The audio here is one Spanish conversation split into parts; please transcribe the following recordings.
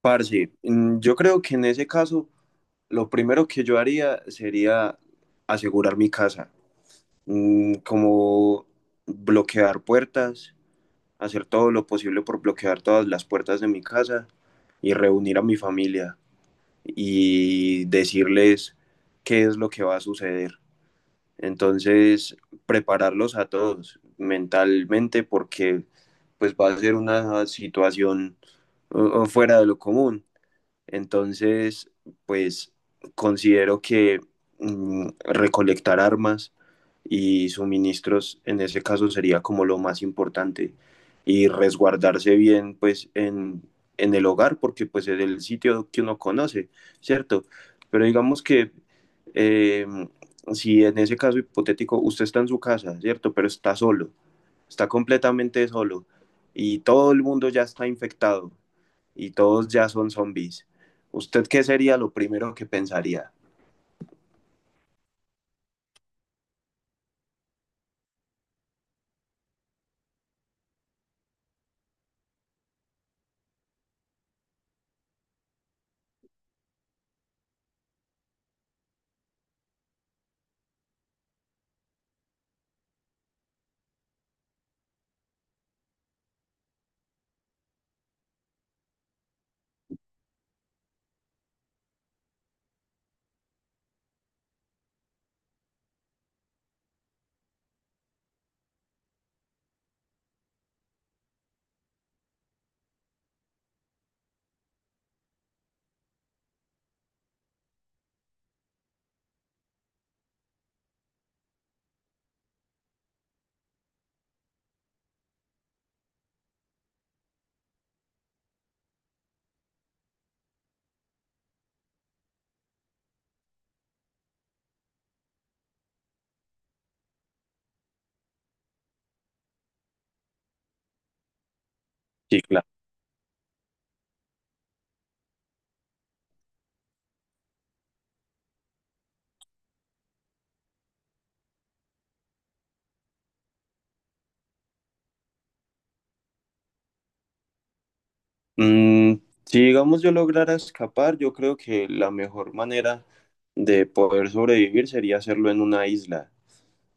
Parce, yo creo que en ese caso lo primero que yo haría sería asegurar mi casa. Como bloquear puertas, hacer todo lo posible por bloquear todas las puertas de mi casa y reunir a mi familia y decirles qué es lo que va a suceder. Entonces, prepararlos a todos mentalmente porque pues va a ser una situación fuera de lo común. Entonces, pues considero que recolectar armas y suministros en ese caso sería como lo más importante y resguardarse bien pues en el hogar porque pues es el sitio que uno conoce, ¿cierto? Pero digamos que eh, si en ese caso hipotético usted está en su casa, ¿cierto? Pero está solo, está completamente solo y todo el mundo ya está infectado y todos ya son zombies. ¿Usted qué sería lo primero que pensaría? Sí, claro. Mm, si digamos yo lograra escapar, yo creo que la mejor manera de poder sobrevivir sería hacerlo en una isla.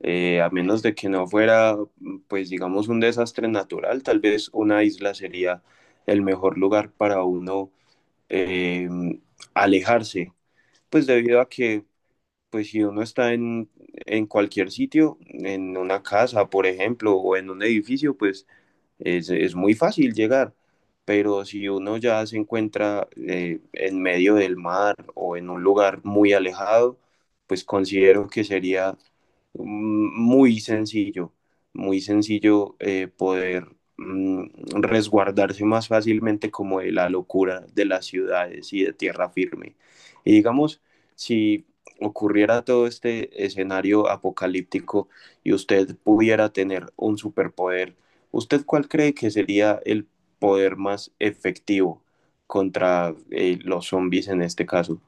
A menos de que no fuera, pues digamos, un desastre natural, tal vez una isla sería el mejor lugar para uno eh, alejarse, pues debido a que pues si uno en cualquier sitio, en una casa, por ejemplo, o en un edificio, pues es muy fácil llegar. Pero si uno ya se encuentra en medio del mar o en un lugar muy alejado, pues considero que sería mm, muy sencillo, muy sencillo poder mm, resguardarse más fácilmente como de la locura de las ciudades y de tierra firme. Y digamos, si ocurriera todo este escenario apocalíptico y usted pudiera tener un superpoder, ¿usted cuál cree que sería el poder más efectivo contra los zombies en este caso?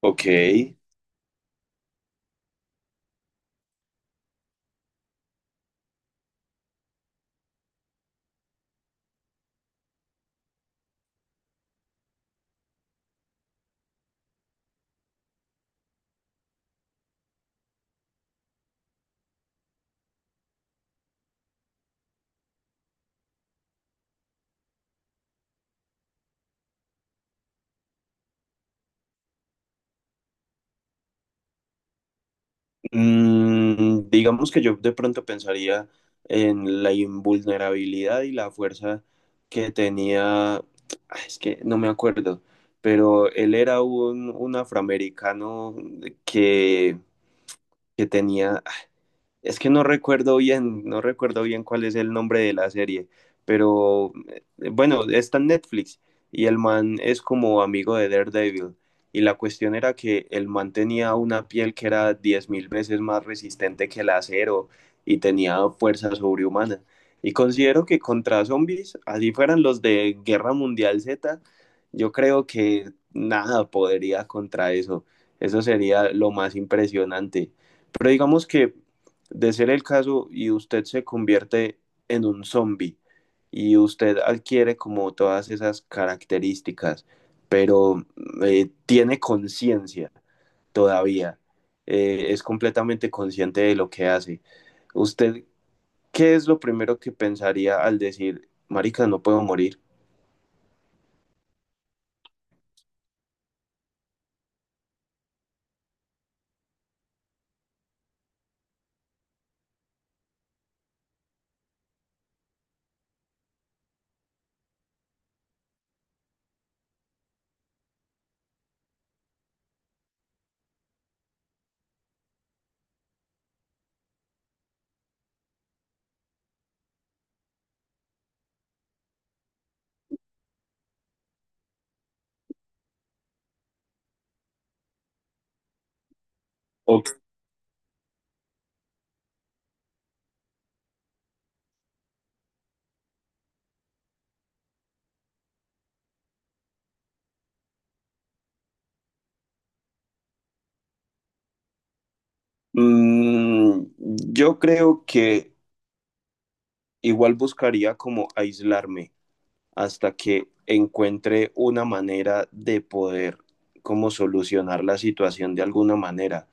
Ok, digamos que yo de pronto pensaría en la invulnerabilidad y la fuerza que tenía, ah, es que no me acuerdo, pero él era un afroamericano que, que tenía... ah, es que no recuerdo bien, no recuerdo bien cuál es el nombre de la serie, pero bueno, está en Netflix y el man es como amigo de Daredevil. Y la cuestión era que el man tenía una piel que era 10,000 veces más resistente que el acero y tenía fuerza sobrehumana. Y considero que contra zombies, así fueran los de Guerra Mundial Z, yo creo que nada podría contra eso. Eso sería lo más impresionante. Pero digamos que de ser el caso y usted se convierte en un zombie y usted adquiere como todas esas características, pero tiene conciencia todavía, es completamente consciente de lo que hace. ¿Usted qué es lo primero que pensaría al decir, marica, no puedo morir? O, mm, yo creo que igual buscaría como aislarme hasta que encuentre una manera de poder como solucionar la situación de alguna manera.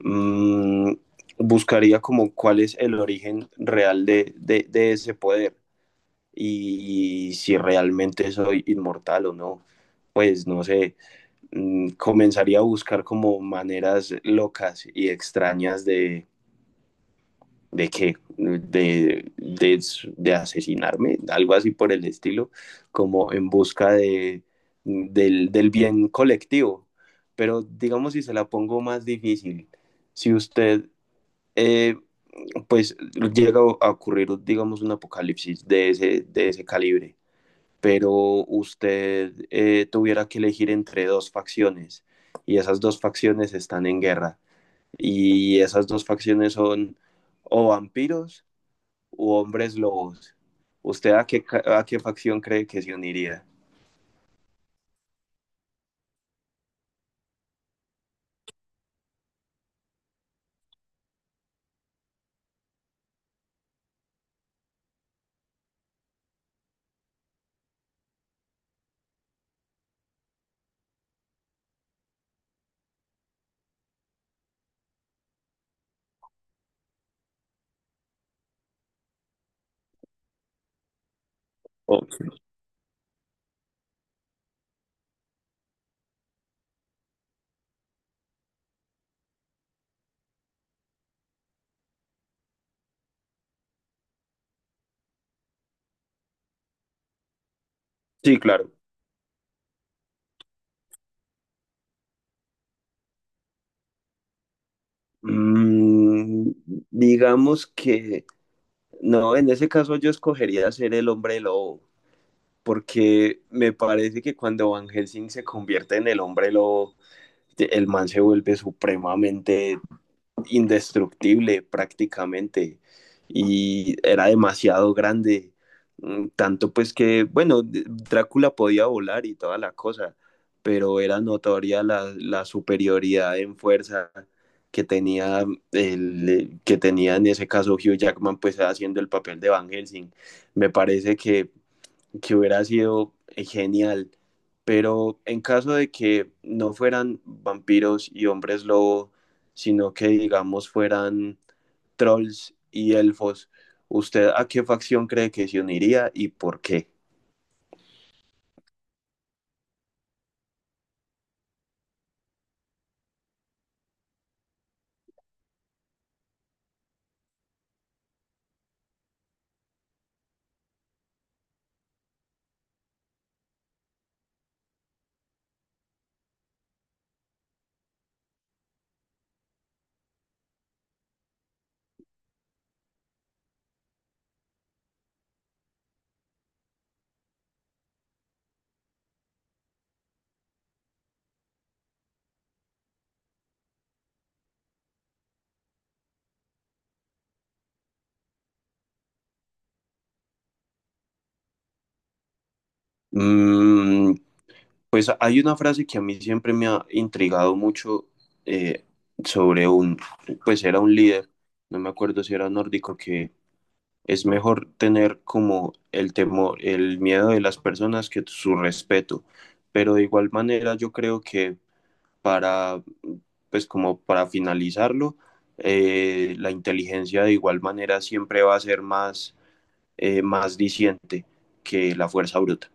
Mm, Buscaría como cuál es el origen real de ese poder y si realmente soy inmortal o no. Pues no sé, comenzaría a buscar como maneras locas y extrañas de, ¿de qué? De asesinarme, algo así por el estilo, como en busca del bien colectivo. Pero digamos si se la pongo más difícil, si usted eh, pues llega a ocurrir, digamos, un apocalipsis de de ese calibre, pero usted tuviera que elegir entre dos facciones y esas dos facciones están en guerra y esas dos facciones son o vampiros u hombres lobos, ¿usted a qué, a qué facción cree que se uniría? Ok. Sí, claro. Mm, digamos que no, en ese caso yo escogería ser el hombre lobo, porque me parece que cuando Van Helsing se convierte en el hombre lobo, el man se vuelve supremamente indestructible prácticamente y era demasiado grande, tanto pues que, bueno, Drácula podía volar y toda la cosa, pero era notoria la superioridad en fuerza que tenía el que tenía en ese caso Hugh Jackman pues haciendo el papel de Van Helsing. Me parece que hubiera sido genial. Pero en caso de que no fueran vampiros y hombres lobo, sino que digamos fueran trolls y elfos, ¿usted a qué facción cree que se uniría y por qué? Mm, pues hay una frase que a mí siempre me ha intrigado mucho eh, sobre pues era un líder, no me acuerdo si era nórdico, que es mejor tener como el temor, el miedo de las personas que su respeto. Pero de igual manera yo creo que para, pues como para finalizarlo, la inteligencia de igual manera siempre va a ser más, más diciente que la fuerza bruta.